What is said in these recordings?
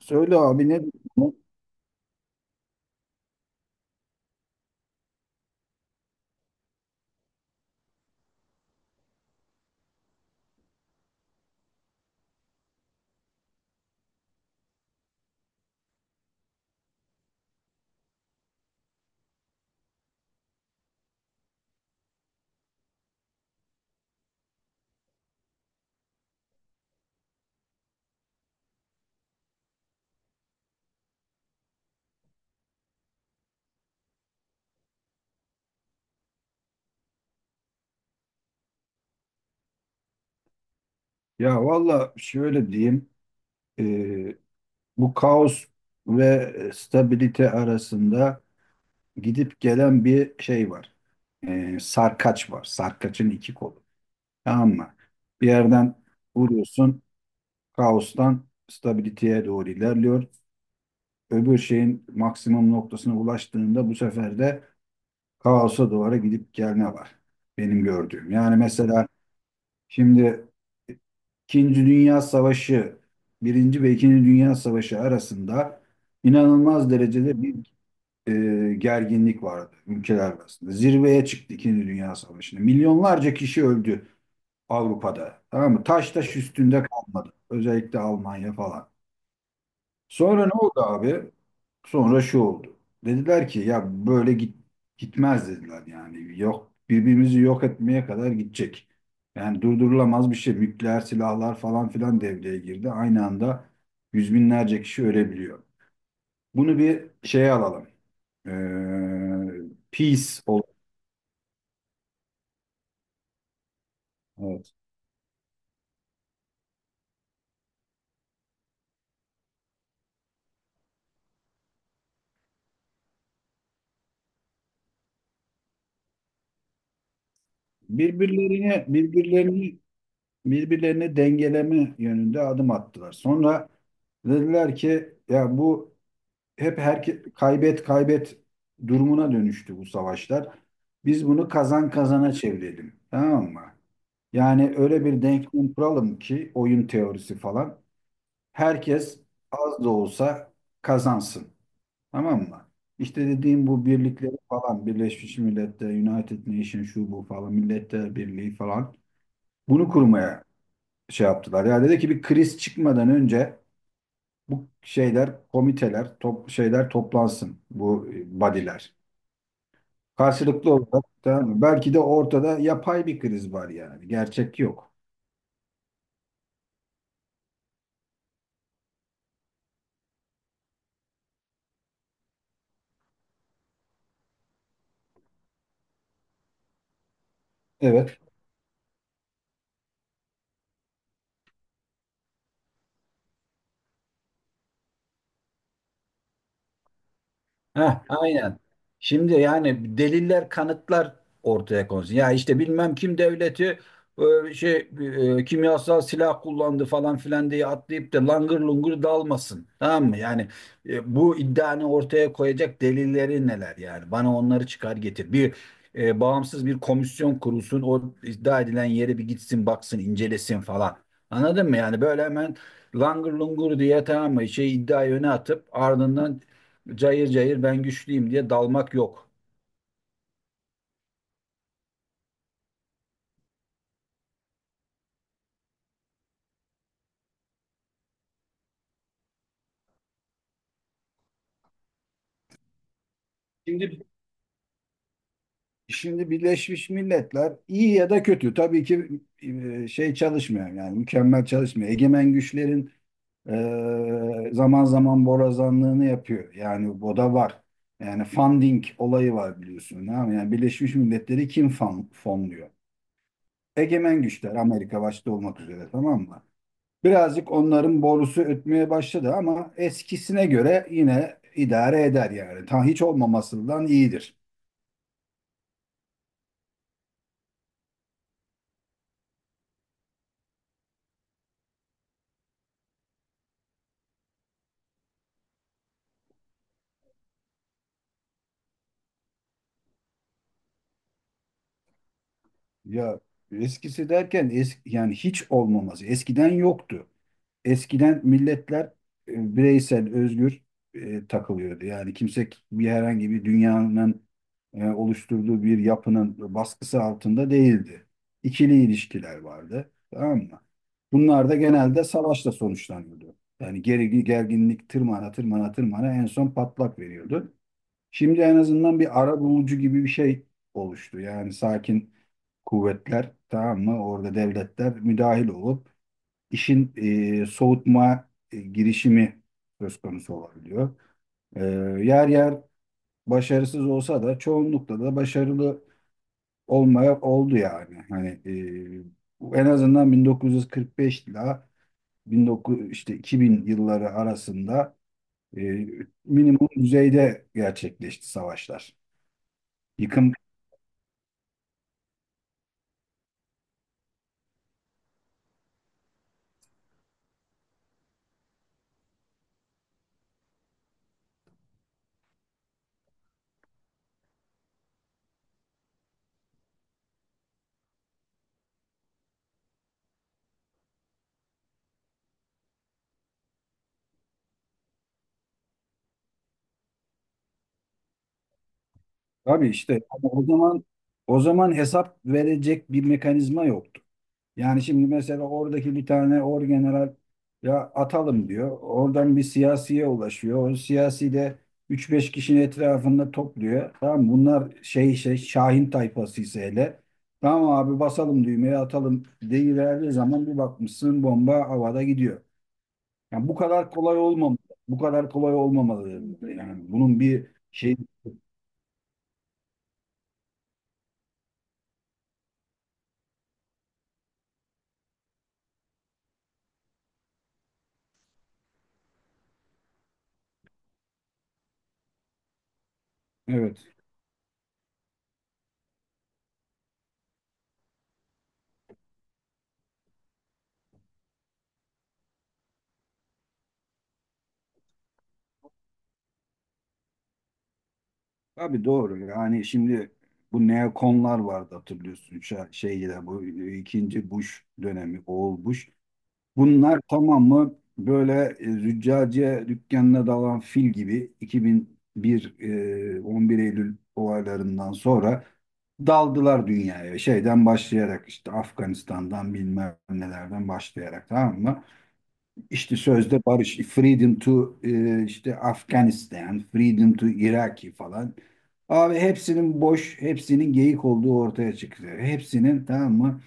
Söyle abi ne diyorsun? Ya valla şöyle diyeyim. e, Bu kaos ve stabilite arasında gidip gelen bir şey var. Sarkaç var. Sarkaçın iki kolu. Tamam mı? Bir yerden vuruyorsun. Kaostan stabiliteye doğru ilerliyor. Öbür şeyin maksimum noktasına ulaştığında bu sefer de kaosa doğru gidip gelme var. Benim gördüğüm. Yani mesela şimdi İkinci Dünya Savaşı, Birinci ve İkinci Dünya Savaşı arasında inanılmaz derecede bir gerginlik vardı ülkeler arasında. Zirveye çıktı İkinci Dünya Savaşı'nda. Milyonlarca kişi öldü Avrupa'da. Tamam mı? Taş taş üstünde kalmadı. Özellikle Almanya falan. Sonra ne oldu abi? Sonra şu oldu. Dediler ki ya böyle git, gitmez dediler yani. Yok, birbirimizi yok etmeye kadar gidecek. Yani durdurulamaz bir şey. Nükleer silahlar falan filan devreye girdi. Aynı anda yüz binlerce kişi ölebiliyor. Bunu bir şeye alalım. Ee, peace ol. Evet. Birbirlerine birbirlerini birbirlerini dengeleme yönünde adım attılar. Sonra dediler ki ya bu hep kaybet kaybet durumuna dönüştü bu savaşlar. Biz bunu kazan kazana çevirelim. Tamam mı? Yani öyle bir denklem kuralım ki oyun teorisi falan. Herkes az da olsa kazansın. Tamam mı? İşte dediğim bu birlikleri falan, Birleşmiş Milletler, United Nations şu bu falan, Milletler Birliği falan bunu kurmaya şey yaptılar. Ya dedi ki bir kriz çıkmadan önce bu şeyler, komiteler, şeyler toplansın, bu body'ler. Karşılıklı olarak tamam mı? Belki de ortada yapay bir kriz var yani. Gerçek yok. Evet. Heh, aynen. Şimdi yani deliller, kanıtlar ortaya konsun. Ya işte bilmem kim devleti, şey, kimyasal silah kullandı falan filan diye atlayıp da langır lungur dalmasın. Tamam mı? Yani bu iddianı ortaya koyacak delilleri neler yani? Bana onları çıkar getir. Bağımsız bir komisyon kurulsun. O iddia edilen yere bir gitsin, baksın, incelesin falan. Anladın mı? Yani böyle hemen langır lungur diye tamam mı? Şey iddiayı öne atıp ardından cayır cayır ben güçlüyüm diye dalmak yok. Şimdi şimdi Birleşmiş Milletler iyi ya da kötü tabii ki şey çalışmıyor yani mükemmel çalışmıyor. Egemen güçlerin zaman zaman borazanlığını yapıyor. Yani bu da var. Yani funding olayı var biliyorsun. Tamam mı? Yani Birleşmiş Milletleri kim fonluyor? Egemen güçler Amerika başta olmak üzere tamam mı? Birazcık onların borusu ötmeye başladı ama eskisine göre yine idare eder yani. Ta hiç olmamasından iyidir. Ya eskisi derken yani hiç olmaması. Eskiden yoktu. Eskiden milletler bireysel, özgür takılıyordu. Yani kimse bir herhangi bir dünyanın oluşturduğu bir yapının baskısı altında değildi. İkili ilişkiler vardı. Tamam mı? Bunlar da genelde savaşla sonuçlanıyordu. Yani gerginlik tırmana tırmana tırmana en son patlak veriyordu. Şimdi en azından bir arabulucu gibi bir şey oluştu. Yani sakin kuvvetler tamam mı? Orada devletler müdahil olup işin soğutma girişimi söz konusu olabiliyor. E, yer yer başarısız olsa da çoğunlukla da başarılı olmaya oldu yani. Hani en azından 1945 ile 19 işte 2000 yılları arasında e, minimum düzeyde gerçekleşti savaşlar. Yıkım tabii işte, ama o zaman hesap verecek bir mekanizma yoktu. Yani şimdi mesela oradaki bir tane orgeneral ya atalım diyor. Oradan bir siyasiye ulaşıyor. O siyasi de üç beş kişinin etrafında topluyor. Tamam mı? Bunlar şey Şahin tayfası ise hele. Tamam abi basalım düğmeye atalım deyiverdiği zaman bir bakmışsın bomba havada gidiyor. Yani bu kadar kolay olmamalı. Bu kadar kolay olmamalı. Yani bunun bir şey. Evet. Tabii doğru. Yani şimdi bu neokonlar vardı hatırlıyorsun. Şeyde bu ikinci Bush dönemi, oğul Bush. Bunlar tamamı böyle züccaciye dükkanına dalan fil gibi 2001 11 Eylül olaylarından sonra daldılar dünyaya. Şeyden başlayarak işte Afganistan'dan bilmem nelerden başlayarak tamam mı? İşte sözde barış, freedom to işte Afganistan, freedom to Iraki falan. Abi hepsinin boş, hepsinin geyik olduğu ortaya çıktı. Hepsinin tamam mı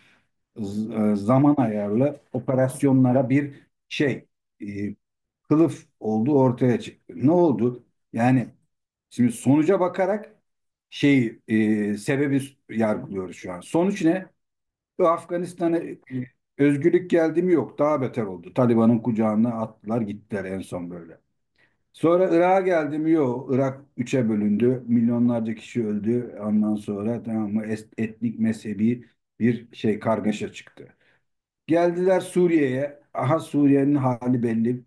zaman ayarlı operasyonlara bir şey e, kılıf olduğu ortaya çıktı. Ne oldu? Yani şimdi sonuca bakarak şeyi sebebi yargılıyoruz şu an. Sonuç ne? Ve Afganistan'a özgürlük geldi mi, yok. Daha beter oldu. Taliban'ın kucağına attılar gittiler en son böyle. Sonra Irak'a geldi mi, yok. Irak üçe bölündü. Milyonlarca kişi öldü. Ondan sonra tamam mı etnik mezhebi bir şey kargaşa çıktı. Geldiler Suriye'ye. Aha Suriye'nin hali belli.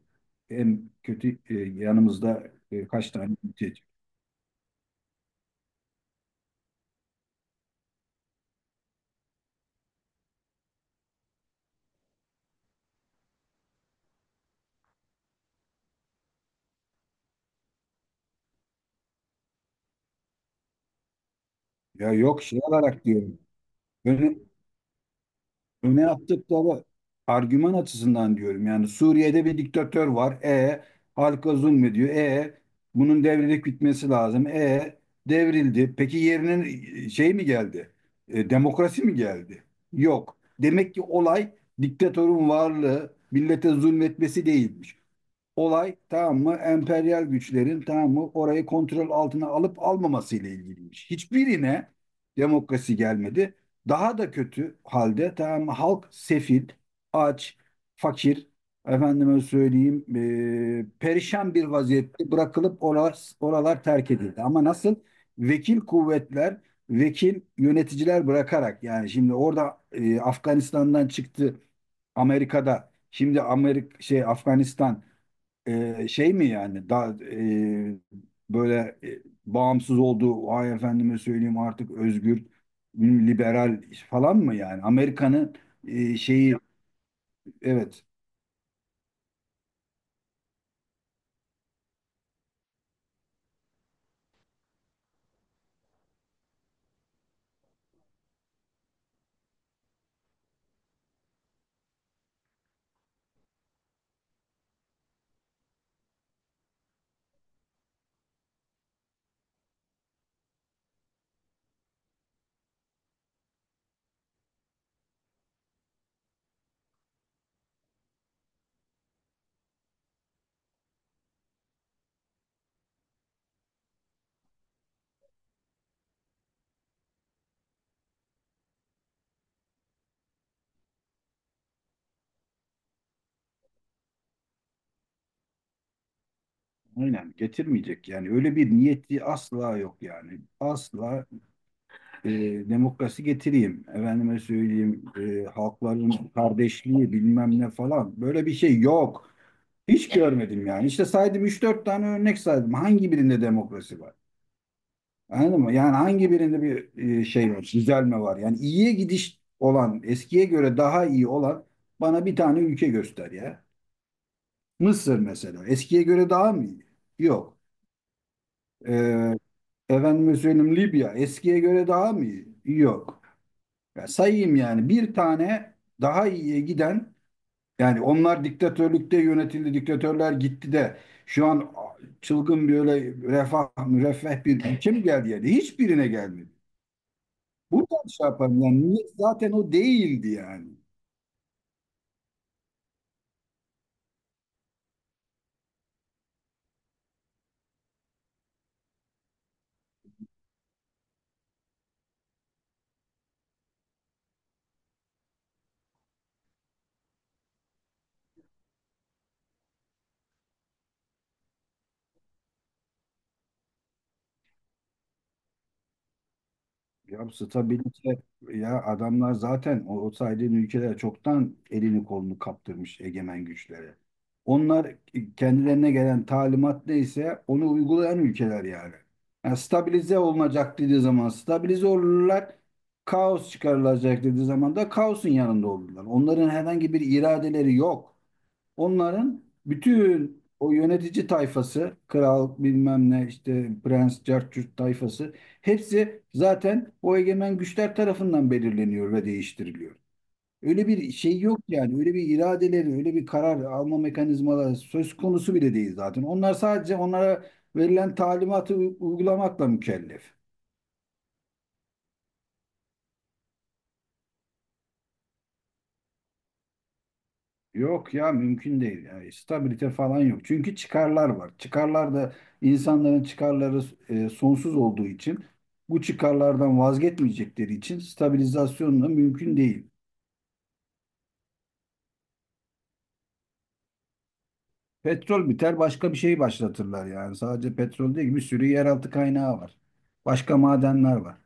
En kötü yanımızda kaç tane mülteci. Ya yok şey olarak diyorum. Ön- öne attıkları argüman açısından diyorum. Yani Suriye'de bir diktatör var. E, halka zulmediyor. E, bunun devrilip bitmesi lazım. E, devrildi. Peki yerine şey mi geldi? Demokrasi mi geldi? Yok. Demek ki olay diktatörün varlığı millete zulmetmesi değilmiş, olay tamam mı emperyal güçlerin tamam mı orayı kontrol altına alıp almaması ile ilgiliymiş. Hiçbirine demokrasi gelmedi. Daha da kötü halde tamam mı halk sefil, aç, fakir, efendime söyleyeyim perişan bir vaziyette bırakılıp oralar, oralar terk edildi. Ama nasıl vekil kuvvetler, vekil yöneticiler bırakarak yani şimdi orada Afganistan'dan çıktı Amerika'da. Şimdi Amerika şey Afganistan şey mi yani daha böyle bağımsız olduğu ay efendime söyleyeyim artık özgür liberal falan mı yani Amerika'nın şeyi evet aynen getirmeyecek yani öyle bir niyeti asla yok yani asla e, demokrasi getireyim efendime söyleyeyim halkların kardeşliği bilmem ne falan böyle bir şey yok hiç görmedim yani işte saydım üç dört tane örnek saydım hangi birinde demokrasi var? Anladın mı? Yani hangi birinde bir şey var, düzelme var? Yani iyiye gidiş olan, eskiye göre daha iyi olan bana bir tane ülke göster ya. Mısır mesela. Eskiye göre daha mı iyi? Yok. Ee, efendime söyleyeyim Libya. Eskiye göre daha mı iyi? Yok. Ya sayayım yani bir tane daha iyiye giden, yani onlar diktatörlükte yönetildi, diktatörler gitti de şu an çılgın böyle refah, müreffeh bir ülke mi geldi yani? Hiçbirine gelmedi. Buradan şey yaparım yani niyet zaten o değildi yani. Ya stabilite, ya adamlar zaten o saydığın ülkeler çoktan elini kolunu kaptırmış egemen güçlere. Onlar kendilerine gelen talimat neyse onu uygulayan ülkeler yani. Yani stabilize olunacak dediği zaman stabilize olurlar. Kaos çıkarılacak dediği zaman da kaosun yanında olurlar. Onların herhangi bir iradeleri yok. Onların bütün o yönetici tayfası, kral bilmem ne işte prens, cartçurt tayfası hepsi zaten o egemen güçler tarafından belirleniyor ve değiştiriliyor. Öyle bir şey yok yani. Öyle bir iradeleri, öyle bir karar alma mekanizmaları söz konusu bile değil zaten. Onlar sadece onlara verilen talimatı uygulamakla mükellef. Yok ya mümkün değil. Yani stabilite falan yok. Çünkü çıkarlar var. Çıkarlar da insanların çıkarları sonsuz olduğu için bu çıkarlardan vazgeçmeyecekleri için stabilizasyon da mümkün değil. Petrol biter başka bir şey başlatırlar yani. Sadece petrol değil bir sürü yeraltı kaynağı var. Başka madenler var.